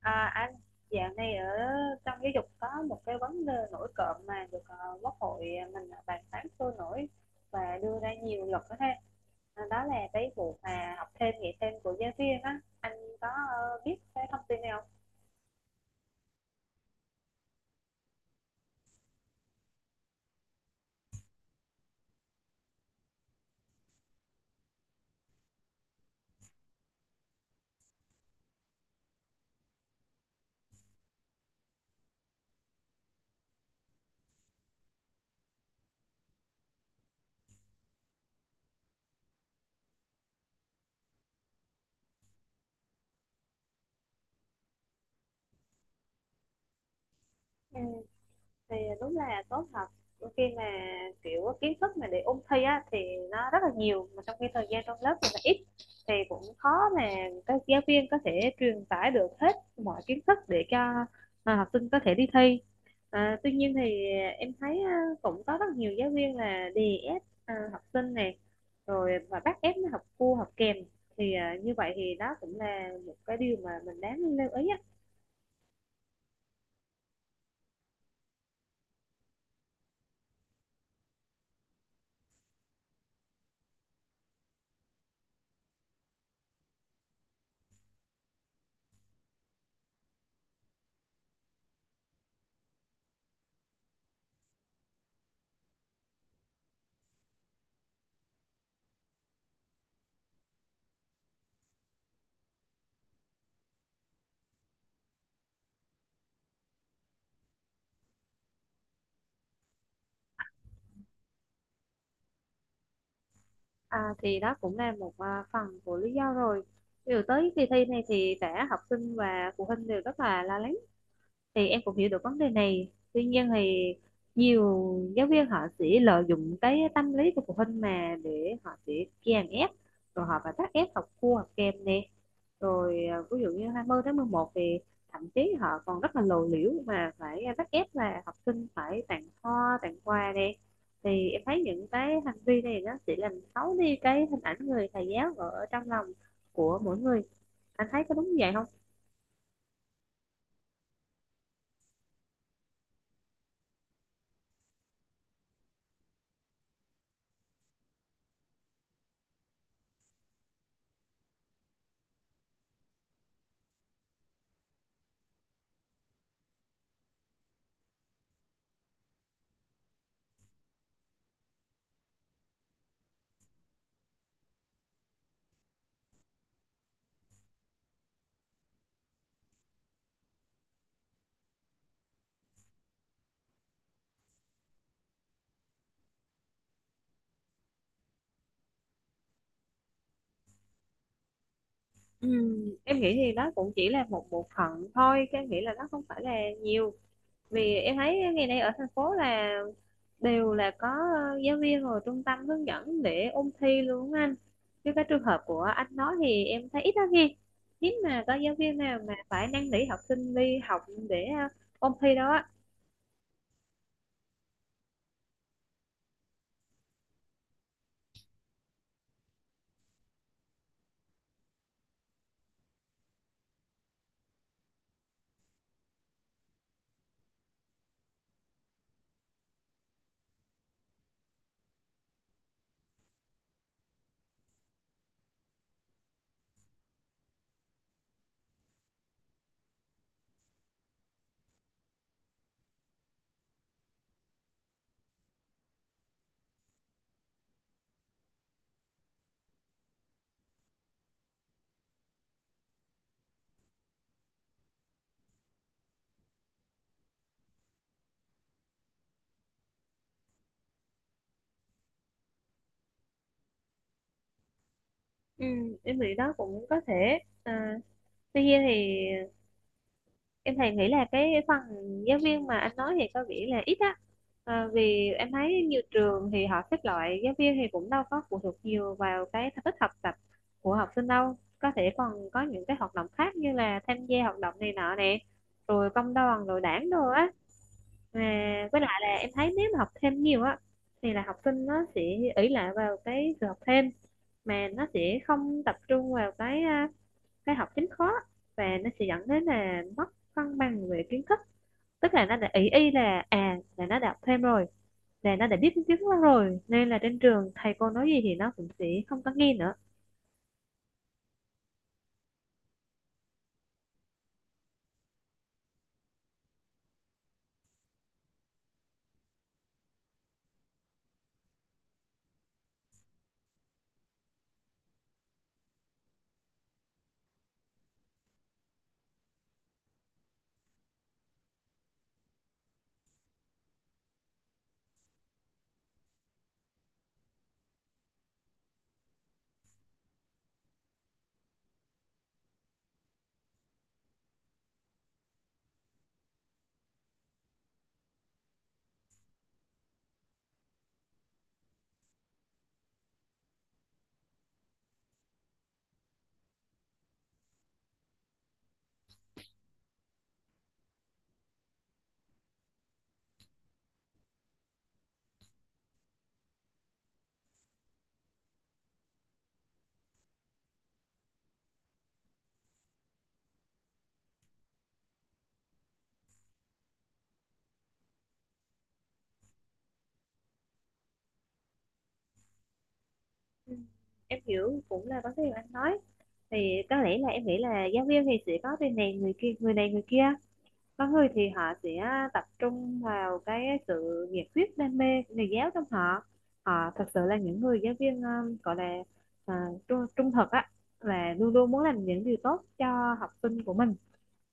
À, anh dạo này ở trong giáo dục có một cái vấn đề nổi cộm mà được quốc hội mình bàn tán sôi nổi và đưa ra nhiều luật đó ha. À, đó là cái vụ mà học thêm dạy thêm của giáo viên, á anh có biết cái thông tin này không? Ừ, thì đúng là tốt thật. Đôi khi mà kiểu kiến thức mà để ôn thi á thì nó rất là nhiều, mà trong khi thời gian trong lớp thì nó ít, thì cũng khó mà các giáo viên có thể truyền tải được hết mọi kiến thức để cho học sinh có thể đi thi. À, tuy nhiên thì em thấy cũng có rất nhiều giáo viên là đè ép học sinh này rồi và bắt ép nó học cua học kèm, thì như vậy thì đó cũng là một cái điều mà mình đáng lưu ý á. À, thì đó cũng là một phần của lý do rồi. Điều tới kỳ thi này thì cả học sinh và phụ huynh đều rất là lo lắng, thì em cũng hiểu được vấn đề này. Tuy nhiên thì nhiều giáo viên họ sẽ lợi dụng cái tâm lý của phụ huynh mà để họ sẽ kèm ép, rồi họ phải bắt ép học cua học kèm nè. Rồi ví dụ như 20 tháng 11 thì thậm chí họ còn rất là lộ liễu mà phải bắt ép là học sinh phải tặng hoa, tặng quà nè. Thì em thấy những cái hành vi này nó chỉ làm xấu đi cái hình ảnh người thầy giáo ở trong lòng của mỗi người. Anh thấy có đúng như vậy không? Ừ, em nghĩ thì đó cũng chỉ là một bộ phận thôi, cái nghĩ là nó không phải là nhiều. Vì em thấy ngày nay ở thành phố là đều là có giáo viên rồi trung tâm hướng dẫn để ôn thi luôn á anh, chứ cái trường hợp của anh nói thì em thấy ít lắm nghe, hiếm mà có giáo viên nào mà phải năn nỉ học sinh đi học để ôn thi đâu á. Ừ, em nghĩ đó cũng có thể. À, tuy nhiên thì em thì nghĩ là cái phần giáo viên mà anh nói thì có vẻ là ít á. À, vì em thấy nhiều trường thì họ xếp loại giáo viên thì cũng đâu có phụ thuộc nhiều vào cái thành tích học tập của học sinh đâu, có thể còn có những cái hoạt động khác như là tham gia hoạt động này nọ nè, rồi công đoàn rồi đảng đồ á. Mà với lại là em thấy nếu mà học thêm nhiều á thì là học sinh nó sẽ ỷ lại vào cái sự học thêm mà nó sẽ không tập trung vào cái cái học chính khó, và nó sẽ dẫn đến là mất cân bằng về kiến thức. Tức là nó đã ý y là là nó đọc thêm rồi, là nó đã biết tiếng đó rồi nên là trên trường thầy cô nói gì thì nó cũng sẽ không có nghe nữa. Ừ, em hiểu cũng là vấn đề anh nói, thì có lẽ là em nghĩ là giáo viên thì sẽ có bên này người kia, người này người kia. Có người thì họ sẽ tập trung vào cái sự nhiệt huyết đam mê của nghề giáo trong họ, họ thật sự là những người giáo viên gọi là, à, trung thực á, là luôn luôn muốn làm những điều tốt cho học sinh của mình.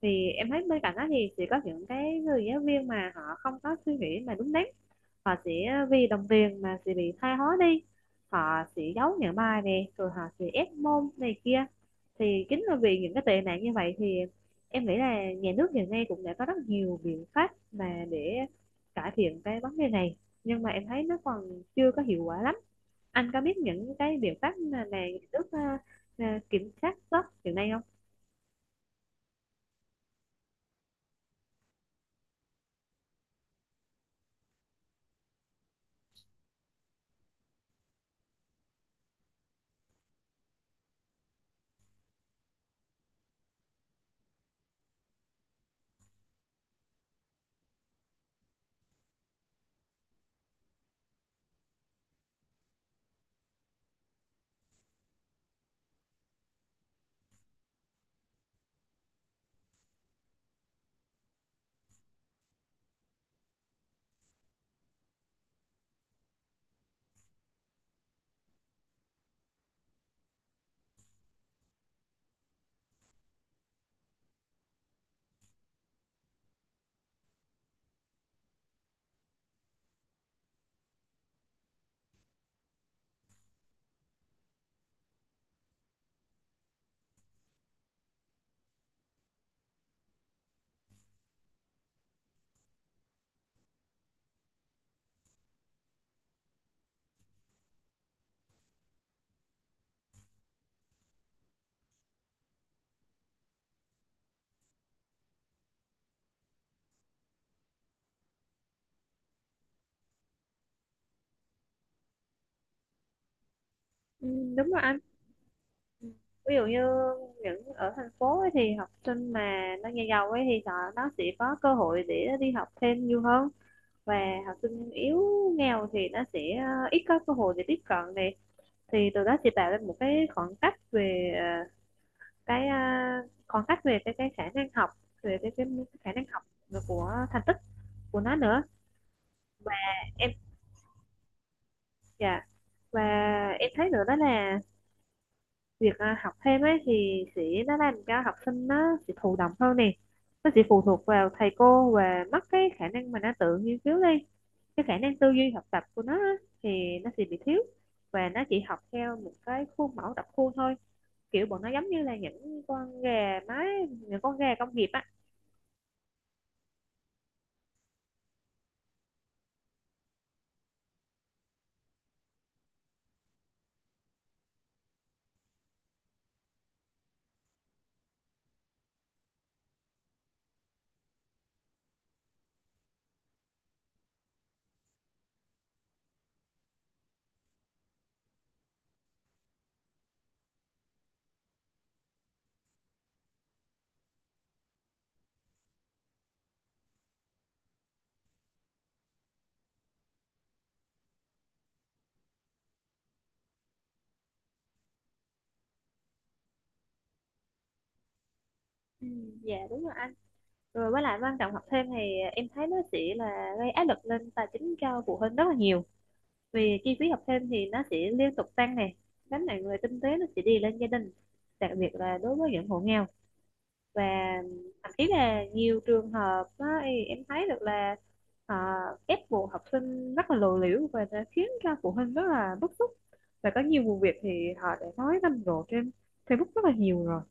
Thì em thấy bên cạnh đó thì sẽ có những cái người giáo viên mà họ không có suy nghĩ mà đúng đắn, họ sẽ vì đồng tiền mà sẽ bị thoái hóa đi, họ sẽ giấu những bài nè rồi họ sẽ ép môn này kia. Thì chính là vì những cái tệ nạn như vậy thì em nghĩ là nhà nước hiện nay cũng đã có rất nhiều biện pháp mà để cải thiện cái vấn đề này, nhưng mà em thấy nó còn chưa có hiệu quả lắm. Anh có biết những cái biện pháp mà nhà nước kiểm soát tốt hiện nay không? Ừ, đúng rồi anh. Ừ, ví dụ như những ở thành phố ấy thì học sinh mà nó nhà giàu ấy thì họ nó sẽ có cơ hội để đi học thêm nhiều hơn, và học sinh yếu nghèo thì nó sẽ ít có cơ hội để tiếp cận này. Thì từ đó sẽ tạo ra một cái khoảng cách về cái khoảng cách về cái khả năng học, về cái khả năng học của thành tích của nó nữa. Và em, dạ, và em thấy nữa đó là việc học thêm ấy thì sẽ nó làm cho học sinh nó sẽ thụ động hơn nè, nó sẽ phụ thuộc vào thầy cô và mất cái khả năng mà nó tự nghiên cứu đi. Cái khả năng tư duy học tập của nó á, thì nó sẽ bị thiếu, và nó chỉ học theo một cái khuôn mẫu đọc khuôn thôi, kiểu bọn nó giống như là những con gà mái, những con gà công nghiệp á. Ừ, dạ đúng rồi anh. Rồi với lại quan trọng học thêm thì em thấy nó sẽ là gây áp lực lên tài chính cho phụ huynh rất là nhiều, vì chi phí học thêm thì nó sẽ liên tục tăng này, gánh nặng về kinh tế nó sẽ đi lên gia đình, đặc biệt là đối với những hộ nghèo. Và thậm chí là nhiều trường hợp á, thì em thấy được là họ ép buộc học sinh rất là lộ liễu và đã khiến cho phụ huynh rất là bức xúc. Và có nhiều vụ việc thì họ đã nói rầm rộ trên Facebook rất là nhiều rồi.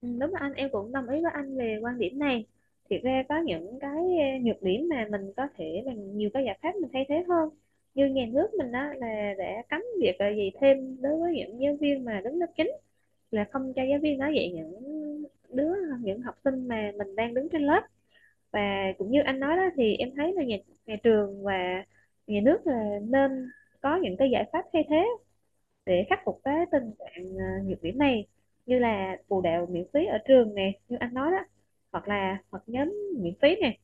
Ừ, đúng là anh em cũng đồng ý với anh về quan điểm này. Thì ra có những cái nhược điểm mà mình có thể bằng nhiều cái giải pháp mình thay thế hơn, như nhà nước mình đó là đã cấm việc dạy thêm đối với những giáo viên mà đứng lớp chính, là không cho giáo viên nói dạy những đứa những học sinh mà mình đang đứng trên lớp. Và cũng như anh nói đó thì em thấy là nhà trường và nhà nước là nên có những cái giải pháp thay thế để khắc phục cái tình trạng nhược điểm này. Như là phụ đạo miễn phí ở trường nè như anh nói đó, hoặc là hoặc nhóm miễn phí nè,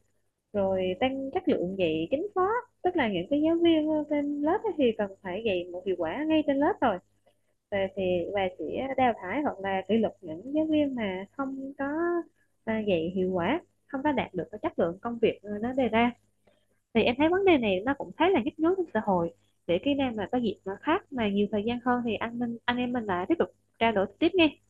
rồi tăng chất lượng dạy chính khóa, tức là những cái giáo viên trên lớp ấy thì cần phải dạy một hiệu quả ngay trên lớp rồi. Và thì và sẽ đào thải hoặc là kỷ luật những giáo viên mà không có dạy hiệu quả, không có đạt được cái chất lượng công việc nó đề ra. Thì em thấy vấn đề này nó cũng khá là nhức nhối trong xã hội. Để khi nào mà có dịp mà khác mà nhiều thời gian hơn thì anh minh anh em mình lại tiếp tục trao đổi tiếp nghe.